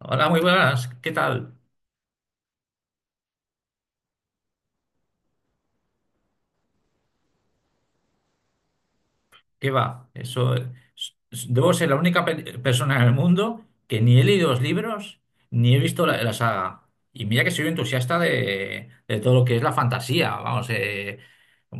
Hola, muy buenas. ¿Qué tal? ¿Qué va? Eso, debo ser la única persona en el mundo que ni he leído los libros ni he visto la saga. Y mira que soy un entusiasta de todo lo que es la fantasía. Vamos, eh,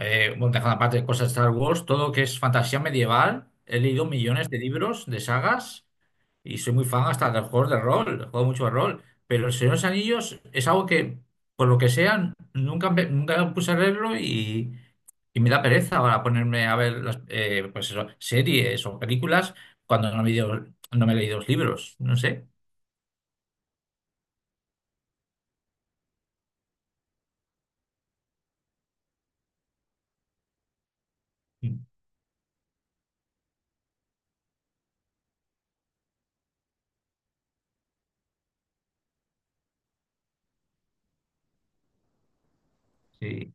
eh, bueno, dejando aparte cosas de Star Wars, todo lo que es fantasía medieval. He leído millones de libros, de sagas. Y soy muy fan hasta de los juegos de rol, juego mucho de rol. Pero El Señor de los Anillos es algo que, por lo que sea, nunca, nunca me puse a leerlo y me da pereza ahora ponerme a ver las, pues eso, series o películas cuando no me, no me he leído los libros, no sé. Sí, sí,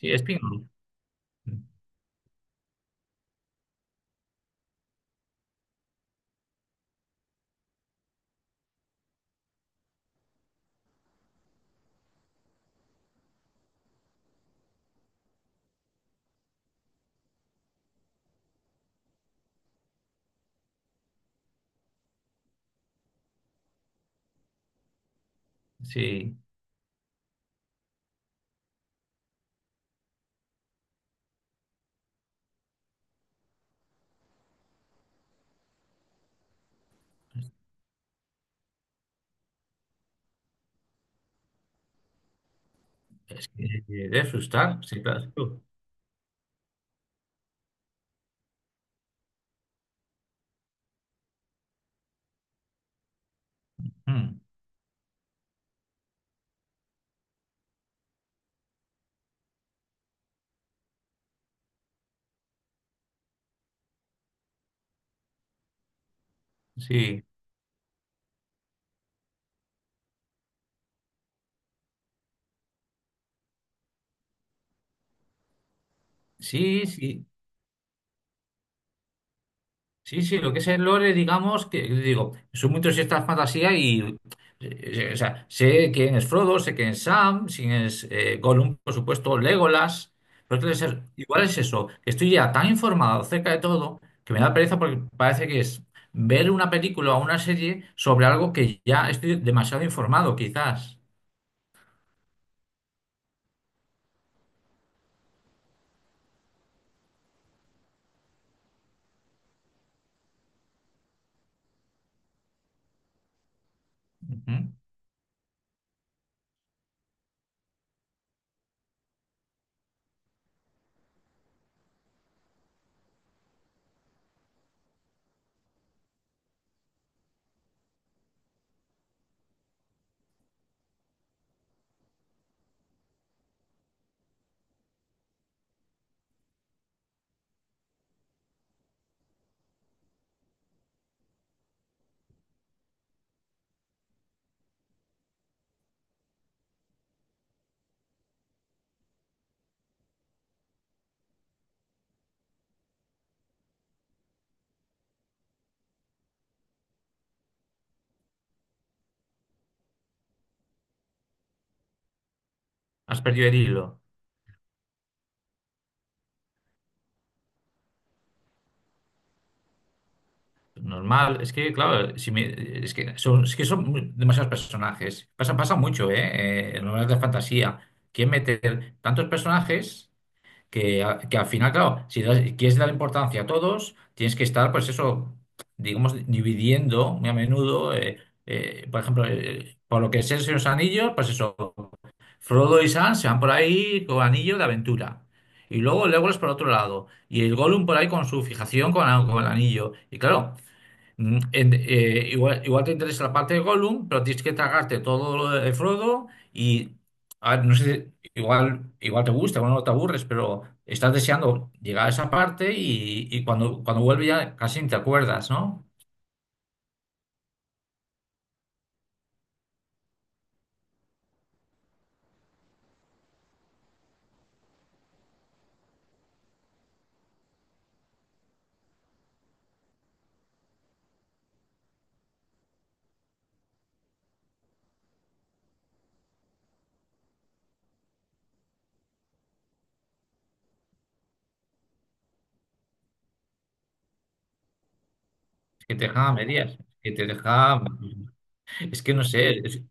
es pingüino. Sí, es que debe frustrar, sí, claro. Mm. Sí, sí, sí. Sí, sí, lo que es el lore, digamos, que digo, soy muy entusiasta de fantasía. O sea, sé quién es Frodo, sé quién es Sam, quién es Gollum, por supuesto, Legolas, pero es que igual es eso, que estoy ya tan informado acerca de todo que me da pereza porque parece que es ver una película o una serie sobre algo que ya estoy demasiado informado, quizás. Ujú. Has perdido el hilo. Normal, es que, claro, si me- es que son demasiados personajes. Pasa, pasa mucho, ¿eh? En novelas de fantasía. Quieren meter tantos personajes que, que al final, claro, si das- quieres dar importancia a todos, tienes que estar, pues eso, digamos, dividiendo muy a menudo. Por ejemplo, por lo que es el Señor de los Anillos, pues eso, Frodo y Sam se van por ahí con anillo de aventura. Y luego Legolas por otro lado. Y el Gollum por ahí con su fijación con, con el anillo. Y claro. Igual, igual te interesa la parte de Gollum, pero tienes que tragarte todo lo de Frodo y a ver, no sé, igual, igual te gusta, igual no te aburres, pero estás deseando llegar a esa parte y cuando, cuando vuelve ya casi ni te acuerdas, ¿no? Es que te deja a medias, es que te deja, es que no sé, es-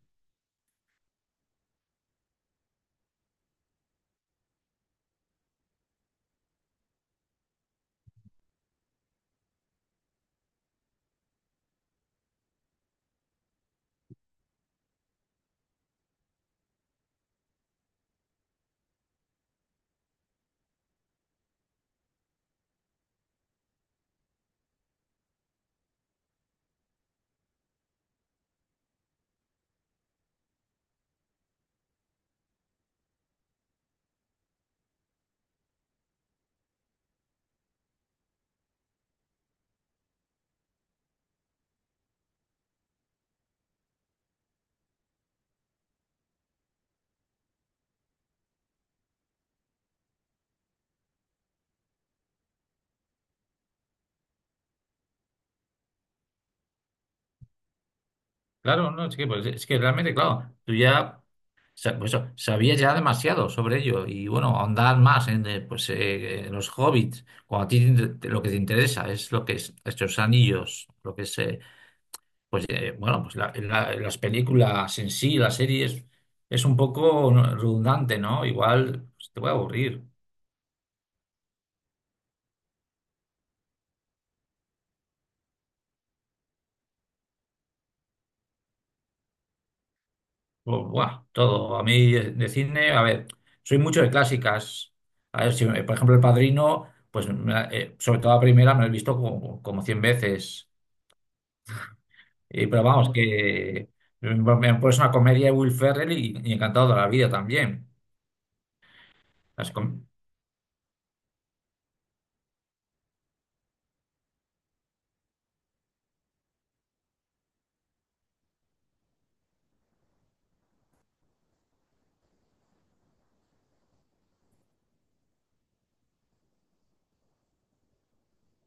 Claro, no, es que, pues, es que realmente, claro, tú ya. Pues eso, sabía ya demasiado sobre ello y bueno, ahondar más en en los hobbits, cuando a ti lo que te interesa es lo que es estos anillos, lo que es, bueno, pues las películas en sí, las series, es un poco redundante, ¿no? Igual pues, te voy a aburrir. Buah, todo. A mí de cine, a ver, soy mucho de clásicas. A ver, si, por ejemplo, El Padrino, pues sobre todo la primera me la he visto como, como 100 veces. Pero vamos, que me han puesto una comedia de Will Ferrell y encantado de la vida también. Las com-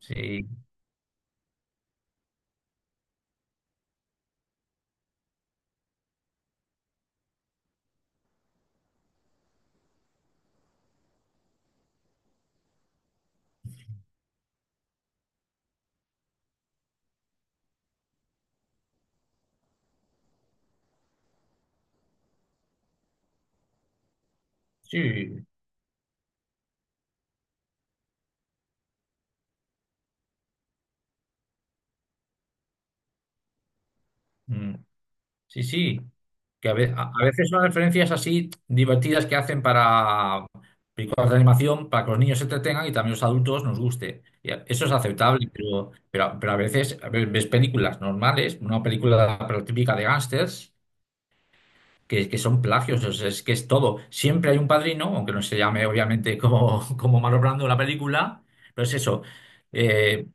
sí, sí, mm, sí, sí. Que a, a veces son referencias así divertidas que hacen para películas de animación, para que los niños se entretengan y también los adultos nos guste. Eso es aceptable, pero a veces ves películas normales, una película pero típica de gángsters que son plagios, o sea, es que es todo. Siempre hay un padrino, aunque no se llame obviamente como, como Marlon Brando en la película, pero es eso. Eh,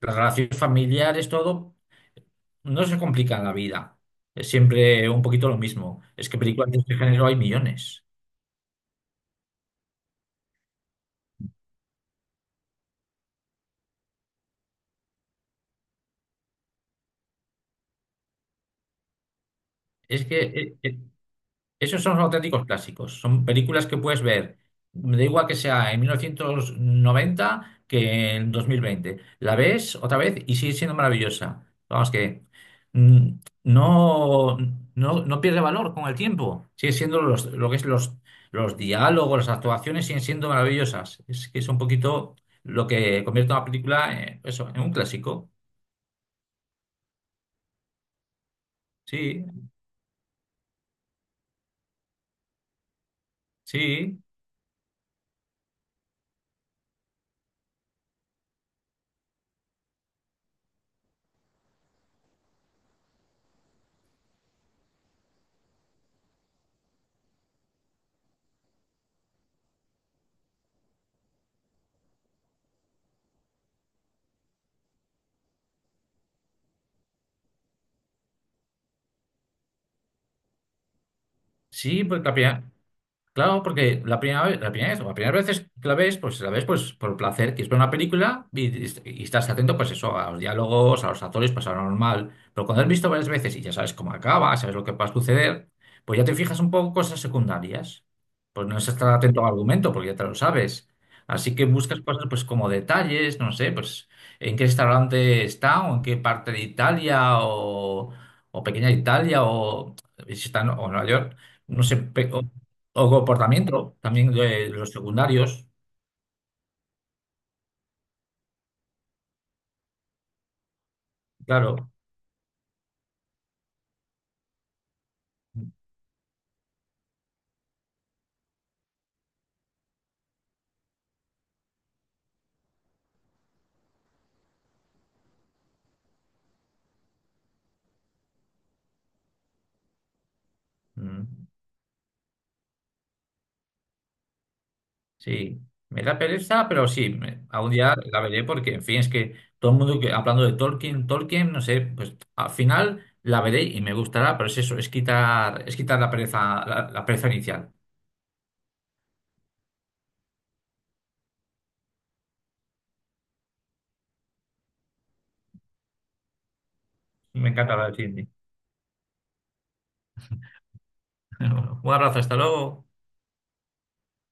las relaciones familiares, todo, no se complica en la vida. Es siempre un poquito lo mismo. Es que películas de este género hay millones. Es que Esos son los auténticos clásicos. Son películas que puedes ver, me da igual que sea en 1990 que en 2020. La ves otra vez y sigue siendo maravillosa. Vamos que mm, no, no pierde valor con el tiempo. Sigue siendo lo que es los diálogos, las actuaciones siguen siendo maravillosas. Es que es un poquito lo que convierte una película eso, en un clásico. Sí, sí, sí, porque la primera- Claro, porque la primera vez, o la primera vez que la ves pues por placer, quieres ver una película y estás atento pues eso, a los diálogos, a los actores, pues a lo normal. Pero cuando has visto varias veces y ya sabes cómo acaba, sabes lo que va a suceder, pues ya te fijas un poco en cosas secundarias. Pues no es estar atento al argumento porque ya te lo sabes. Así que buscas cosas pues como detalles, no sé, pues en qué restaurante está o en qué parte de Italia o pequeña Italia o si está en o Nueva York. No sé, o comportamiento, también de los secundarios, claro. Mm. Sí, me da pereza, pero sí, algún día la veré porque, en fin, es que todo el mundo que hablando de Tolkien, Tolkien, no sé, pues al final la veré y me gustará, pero es eso, es quitar la pereza, la pereza inicial. Me encanta hablar de cine. Un abrazo, hasta luego.